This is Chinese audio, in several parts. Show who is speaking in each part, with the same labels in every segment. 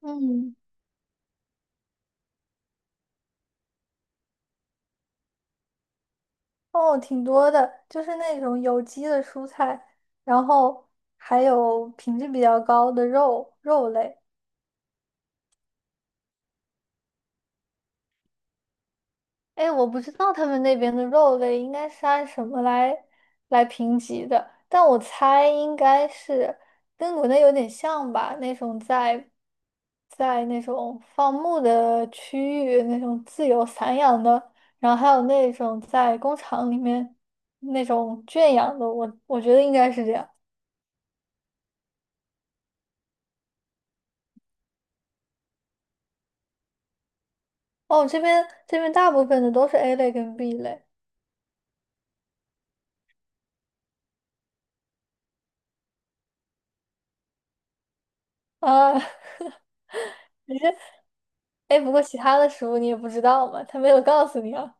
Speaker 1: 嗯，哦，挺多的，就是那种有机的蔬菜，然后还有品质比较高的肉类。哎，我不知道他们那边的肉类应该是按什么来评级的，但我猜应该是跟国内有点像吧，那种在那种放牧的区域，那种自由散养的，然后还有那种在工厂里面那种圈养的，我觉得应该是这样。哦，这边这边大部分的都是 A 类跟 B 类啊，你是哎，不过其他的食物你也不知道嘛，他没有告诉你啊。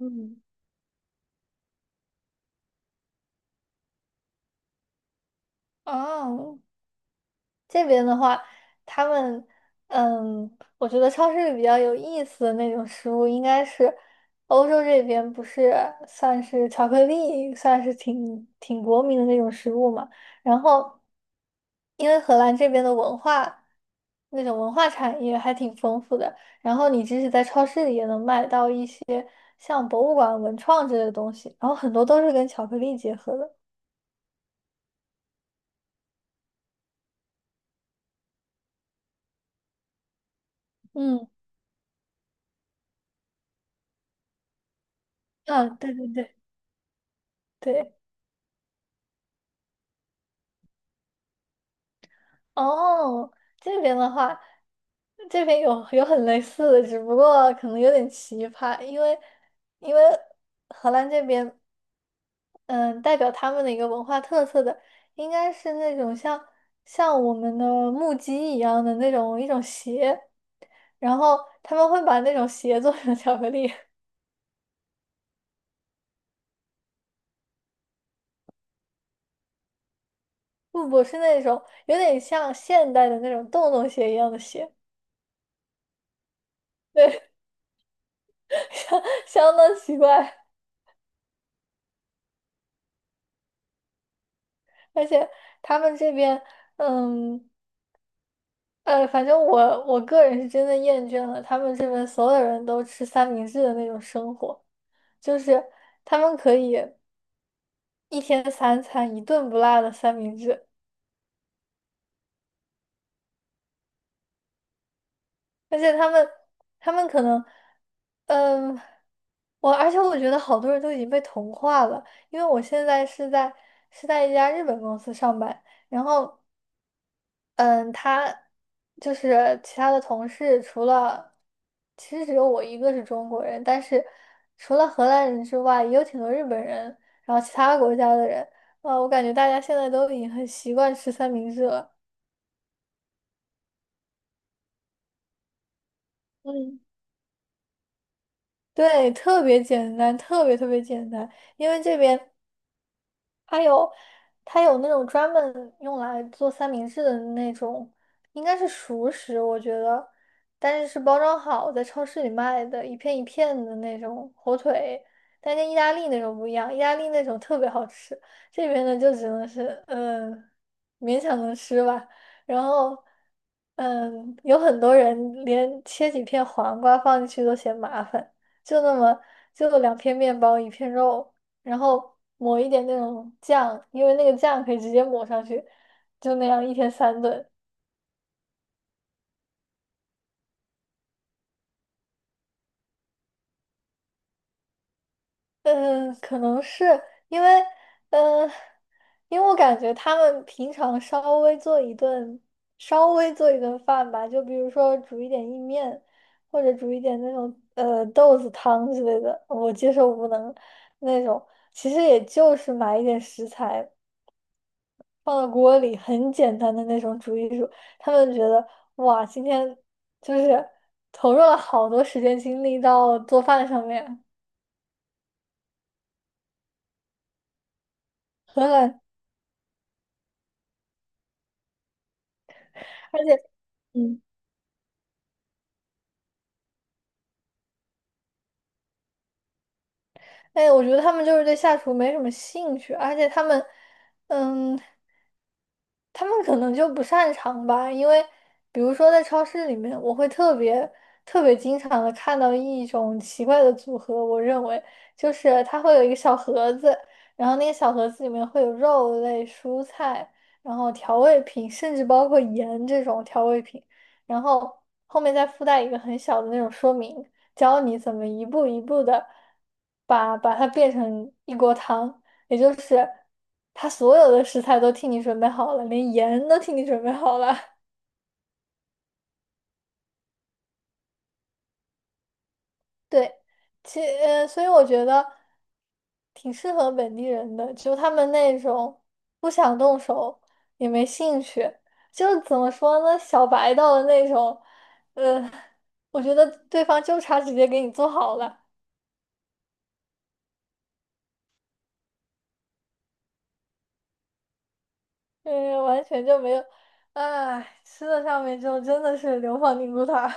Speaker 1: 嗯，哦，这边的话，他们，嗯，我觉得超市里比较有意思的那种食物，应该是欧洲这边不是算是巧克力，算是挺国民的那种食物嘛。然后，因为荷兰这边的文化，那种文化产业还挺丰富的，然后你即使在超市里也能买到一些像博物馆、文创之类的东西，然后很多都是跟巧克力结合的。嗯，啊，对对对对。哦，这边的话，这边有很类似的，只不过可能有点奇葩，因为荷兰这边，嗯，代表他们的一个文化特色的，应该是那种像我们的木屐一样的那种一种鞋，然后他们会把那种鞋做成巧克力，不是那种有点像现代的那种洞洞鞋一样的鞋，对，相当奇怪，而且他们这边。嗯，反正我个人是真的厌倦了他们这边所有人都吃三明治的那种生活，就是他们可以一天三餐一顿不落的三明治，而且他们他们可能，嗯，而且我觉得好多人都已经被同化了，因为我现在是在一家日本公司上班，然后。嗯，他就是其他的同事，除了其实只有我一个是中国人，但是除了荷兰人之外，也有挺多日本人，然后其他国家的人。啊，我感觉大家现在都已经很习惯吃三明治了。嗯，对，特别简单，特别简单，因为这边。它有它有那种专门用来做三明治的那种，应该是熟食，我觉得，但是是包装好，在超市里卖的，一片一片的那种火腿，但跟意大利那种不一样，意大利那种特别好吃，这边的就只能是勉强能吃吧，然后。嗯，有很多人连切几片黄瓜放进去都嫌麻烦，就那么就两片面包一片肉，然后抹一点那种酱，因为那个酱可以直接抹上去，就那样一天三顿。嗯，可能是因为，嗯，因为我感觉他们平常稍微做一顿，稍微做一顿饭吧，就比如说煮一点意面，或者煮一点那种豆子汤之类的，我接受无能那种，其实也就是买一点食材。放到锅里，很简单的那种煮一煮，他们觉得哇，今天就是投入了好多时间精力到做饭上面，很懒，而且嗯，哎，我觉得他们就是对下厨没什么兴趣，而且他们嗯他们可能就不擅长吧，因为比如说在超市里面，我会特别经常的看到一种奇怪的组合，我认为就是它会有一个小盒子，然后那个小盒子里面会有肉类、蔬菜，然后调味品，甚至包括盐这种调味品，然后后面再附带一个很小的那种说明，教你怎么一步一步的把它变成一锅汤。也就是他所有的食材都替你准备好了，连盐都替你准备好了。对，所以我觉得挺适合本地人的，就他们那种不想动手也没兴趣，就是怎么说呢，小白到的那种，我觉得对方就差直接给你做好了，嗯，完全就没有，哎，吃的上面就真的是流放宁古塔。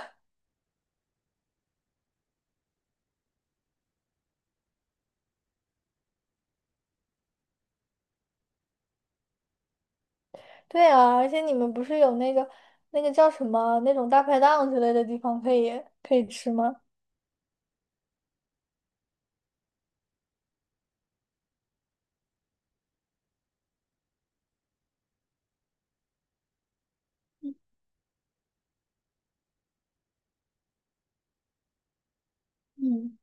Speaker 1: 对啊，而且你们不是有那个那个叫什么那种大排档之类的地方可以吃吗？嗯，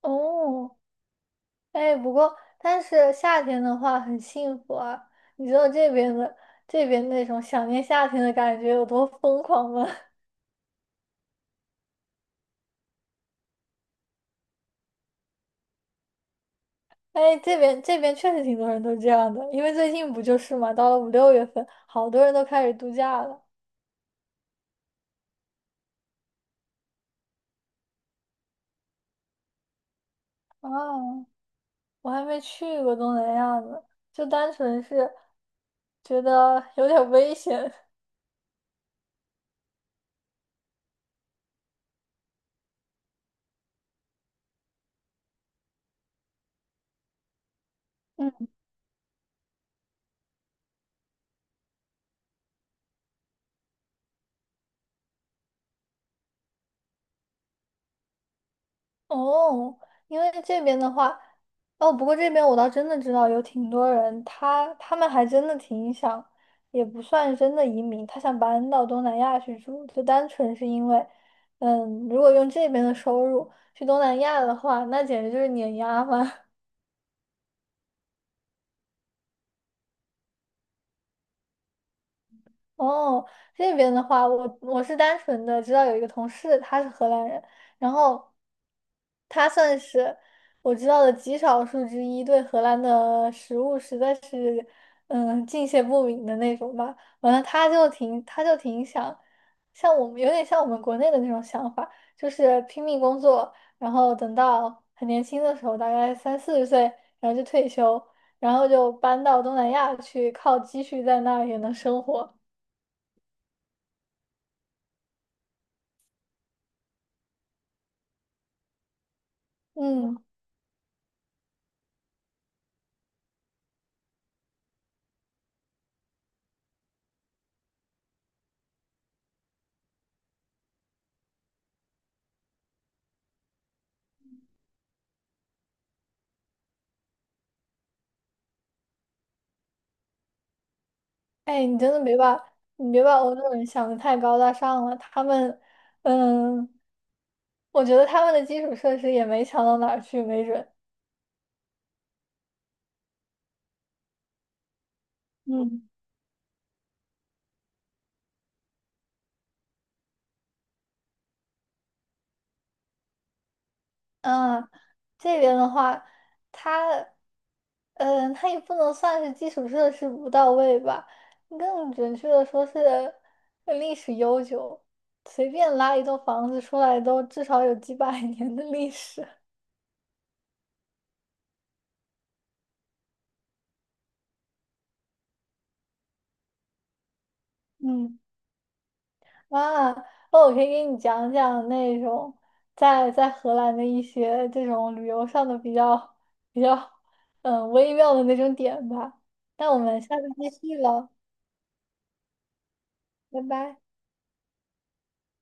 Speaker 1: 哦，哎，不过但是夏天的话很幸福啊！你知道这边的这边那种想念夏天的感觉有多疯狂吗？哎，这边这边确实挺多人都这样的，因为最近不就是嘛，到了五六月份，好多人都开始度假了啊！我还没去过东南亚呢，就单纯是觉得有点危险。嗯。哦，因为这边的话，哦，不过这边我倒真的知道有挺多人，他们还真的挺想，也不算真的移民，他想搬到东南亚去住，就单纯是因为，嗯，如果用这边的收入去东南亚的话，那简直就是碾压嘛。哦，这边的话，我是单纯的知道有一个同事，他是荷兰人，然后他算是我知道的极少数之一，对荷兰的食物实在是敬谢不敏的那种吧。完了，他就挺想像我们有点像我们国内的那种想法，就是拼命工作，然后等到很年轻的时候，大概30到40岁，然后就退休，然后就搬到东南亚去，靠积蓄在那儿也能生活。嗯，哎，你真的别把你别把欧洲人想的太高大上了，他们，嗯，我觉得他们的基础设施也没强到哪儿去，没准。嗯嗯，这边的话，它，嗯、它也不能算是基础设施不到位吧，更准确的说是历史悠久，随便拉一栋房子出来都至少有几百 年的历史。嗯。啊，那我可以给你讲讲那种在荷兰的一些这种旅游上的比较嗯微妙的那种点吧。那我们下次继续了，拜拜。